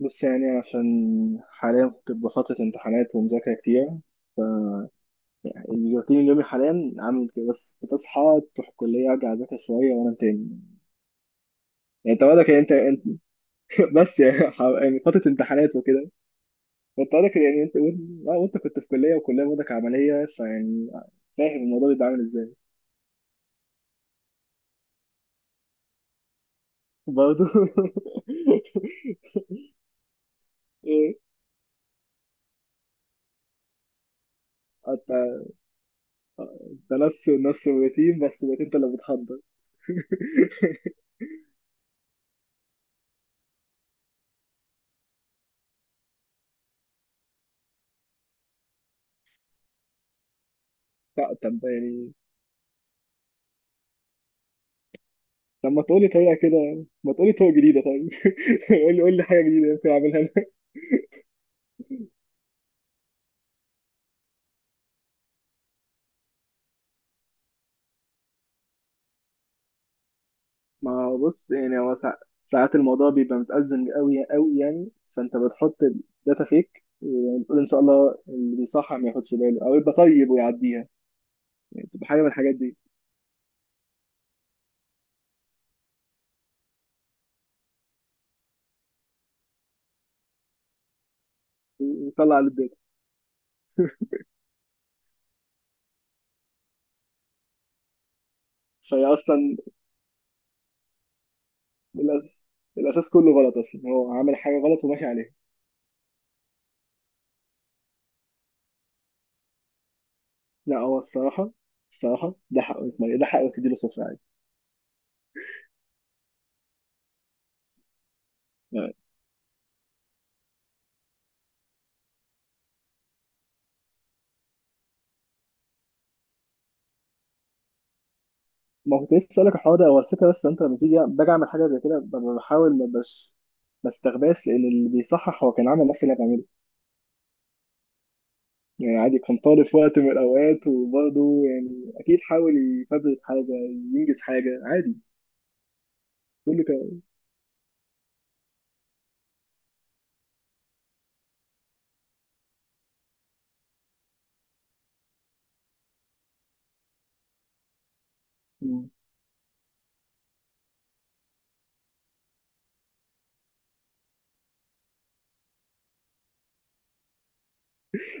بص يعني عشان حاليا كنت بفترة امتحانات ومذاكرة كتير. يعني الروتين اليومي حاليا عامل كده، بس بتصحى تروح الكلية أرجع أذاكر شوية وأنام تاني. يعني أنت وضعك، يعني بس يعني يعني فترة امتحانات وكده. أنت وضعك يعني أنت آه، وأنت كنت في كلية، وكلية وضعك عملية، فيعني فاهم الموضوع بيبقى عامل إزاي. برضه إيه؟ أنت أنت نفسه نفس الروتين، بس بقيت أنت اللي بتحضر. لا، طب يعني لما تقولي طريقة كده، ما تقولي طرق جديدة. طيب قولي حاجة جديدة يمكن أعملها أنا. ما بص، يعني ساعات الموضوع بيبقى متأزم قوي قوي، يعني فأنت بتحط الداتا فيك وتقول إن شاء الله اللي بيصحى ما ياخدش باله، أو يبقى طيب ويعديها. يعني تبقى حاجة من الحاجات دي، ويطلع على الداتا. فهي أصلا الأساس الأساس كله غلط أصلا، هو عامل حاجة غلط وماشي عليها. لا، هو الصراحة، الصراحة ده حقه يتميز، ده حقه تديله صفر عادي. ما كنت لسه اسالك الحوار ده، هو الفكره بس انت لما تيجي باجي اعمل حاجه زي كده، بحاول ما استخباش، لان اللي بيصحح هو كان عامل نفس اللي انا بعمله. يعني عادي كان طالب في وقت من الاوقات، وبرضه يعني اكيد حاول يفبرك حاجه، ينجز حاجه عادي. كله كان.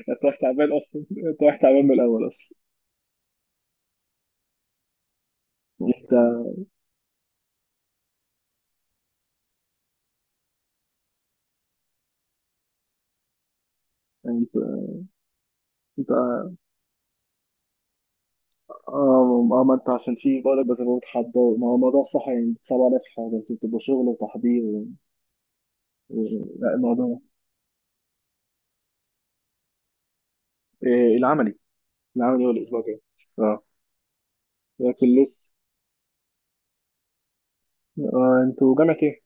انت رايح تعبان اصلا، انت رايح تعبان من الاول اصلا. انت انت انت اه. اه. آه، ما انت عشان في بقولك، بس هو تحضر، ما هو الموضوع صح، يعني صعب عليا في حاجه انتوا بتبقوا شغل وتحضير و... و... لا، الموضوع. إيه؟ العملي. العمل يوم الأسبوع الجاي. اه لكن لسه. آه، انتوا جامعة ايه؟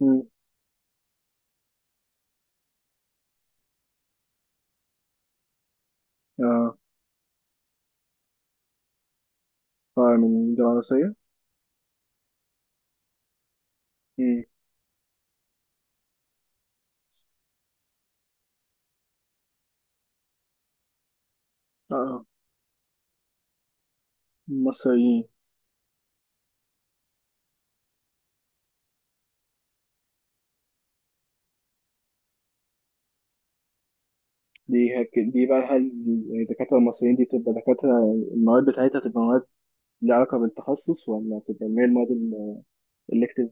مم. اه. اه، من جامعة مصرية؟ مم. اه، مصريين. دي بقى، هل يعني الدكاترة المصريين دي بتبقى دكاترة المواد بتاعتها بتبقى مواد ليها علاقة بالتخصص، ولا بتبقى اللي هي المواد الإلكتيف؟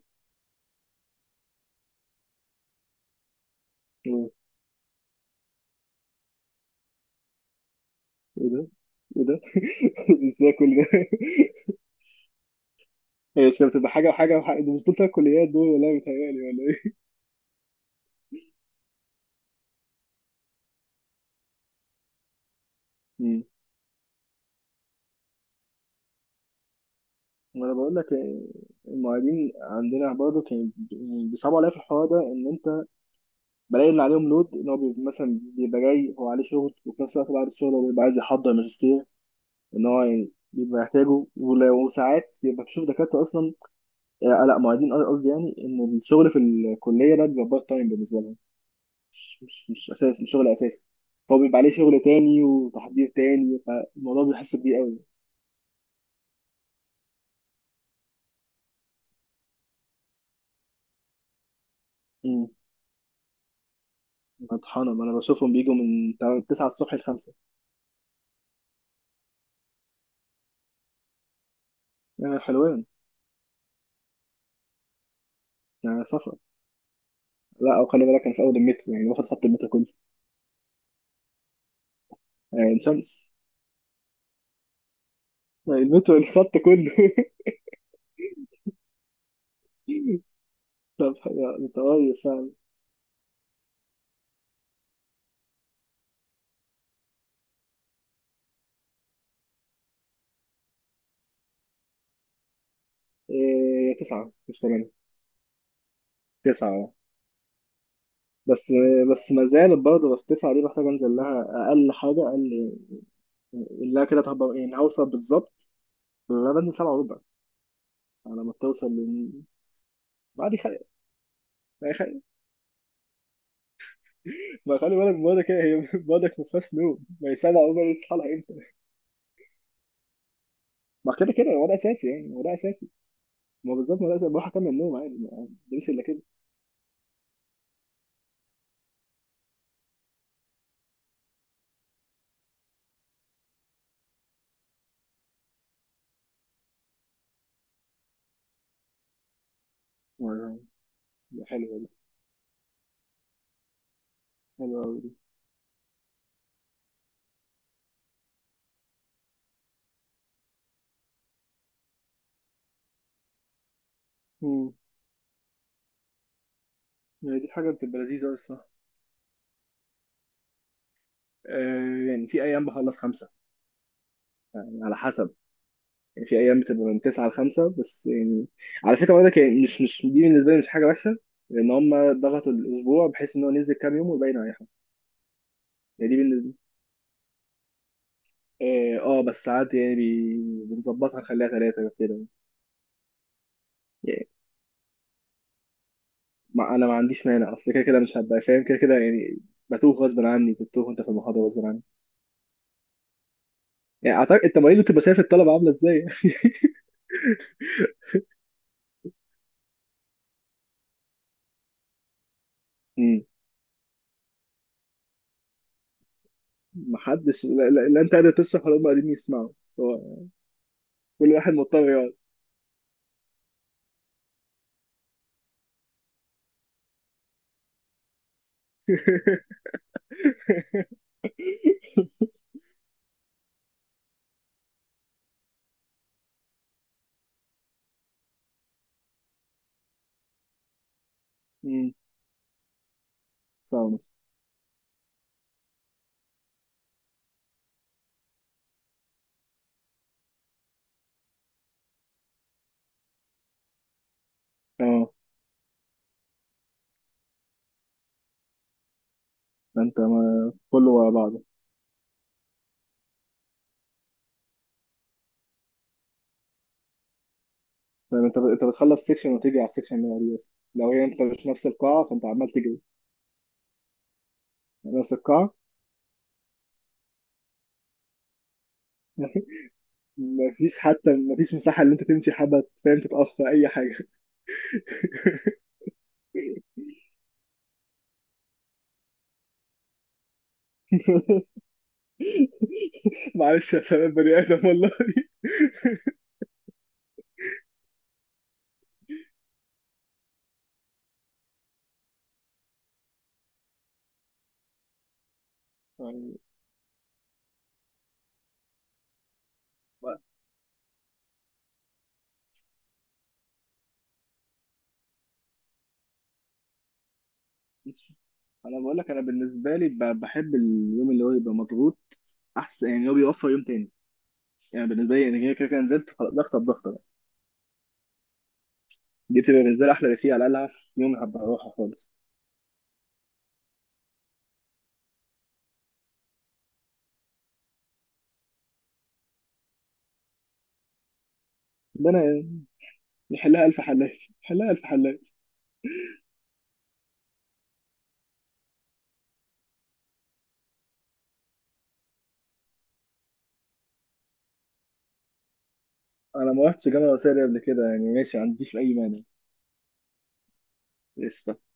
ايه ده؟ ايه ده؟ ازاي كل ده؟ هي مش بتبقى حاجة وحاجة وحاجة؟ دي مش دول تلات كليات دول؟ ولا بيتهيألي؟ ولا ايه؟ ما انا بقول لك، المعيدين عندنا برضه كانوا بيصعبوا عليا في الحوار ده، ان انت بلاقي اللي عليهم لود، ان هو بيبقى مثلا بيبقى جاي هو عليه شغل، وفي نفس الوقت بعد الشغل هو بيبقى عايز يحضر ماجستير، ان هو يعني بيبقى يحتاجه، وساعات بيبقى بتشوف دكاتره اصلا. آه، لا معيدين قصدي، يعني ان الشغل في الكليه ده بيبقى بارت تايم بالنسبه لهم، مش اساس، مش شغل اساسي. فهو بيبقى عليه شغل تاني وتحضير تاني، فالموضوع بيحس بيه قوي. مم. مطحنة، ما انا بشوفهم بيجوا من 9 الصبح ل 5. يعني حلوين. يعني سفر. لا، او خلي بالك انا في اول المترو، يعني واخد خط المترو كله. عين شمس. المترو الخط كله طب انت قريب فعلا. إيه، 9 مش 8. تسعة، اه. بس بس ما زالت برضه، بس 9 دي محتاج انزل لها اقل حاجة، اقل اللي كده تهبر، يعني هوصل بالظبط. انا بنزل 7:15 على ما توصل لل... بعد خير. ما خير. ما خلي بالك برضه كده هي برضك ما فيهاش نوم، ما هي 7:15 دي تصحى لها امتى؟ ما كده كده وده اساسي، يعني وده اساسي. ما بالظبط، ما لازم بروح اكمل النوم عادي. ما مش الا كده. ما- ده حلو ده، حلو قوي دي. مم. يعني دي حاجه بتبقى لذيذه أوي الصراحه. آه، يعني في ايام بخلص خمسه. يعني على حسب، يعني في ايام بتبقى من 9 لـ 5 بس. يعني على فكره برضك، يعني مش دي بالنسبه لي مش حاجه وحشه، لان هم ضغطوا الاسبوع بحيث ان هو ننزل كام يوم ويبين على حاجه. يعني دي بالنسبه، اه آه، بس ساعات يعني بنظبطها نخليها ثلاثه كده. يعني ما انا ما عنديش مانع، اصل كده كده مش هبقى فاهم كده كده، يعني بتوه غصب عني، بتوه وانت في المحاضره غصب عني. يعني اعتقد التمارين اللي بتبقى شايف الطلبه عامله ازاي. مم. محدش، لا، انت قادر تشرح ولا هم قادرين يسمعوا؟ بس هو كل واحد مضطر يقعد. مم. ساعة ونص. اه، ده انت ما كله ورا بعضه. يعني انت بتخلص سيكشن وتيجي على السيكشن اللي بعديه، اصلا لو هي انت مش نفس القاعه فانت عمال تجري. يعني نفس القاعه. مفيش، حتى مفيش مساحه اللي انت تمشي حبه، فاهم، تتاخر اي حاجه. معلش يا شباب، بني ادم والله. يعني بقى- مش- انا بقول لك، انا بالنسبه لي بحب اليوم اللي هو يبقى مضغوط، احسن، يعني هو بيوفر يوم تاني. يعني بالنسبه لي انا كده كده كده نزلت خلاص، ضغطه بضغطه بقى. دي بتبقى بالنسبه لي احلى بكتير، على الاقل هعرف يوم هبقى اروحها خالص. ده انا نحلها الف حلال، نحلها الف حلال. انا ما رحتش جامعه وسائل قبل كده، يعني ماشي، ما عنديش اي مانع. قشطه.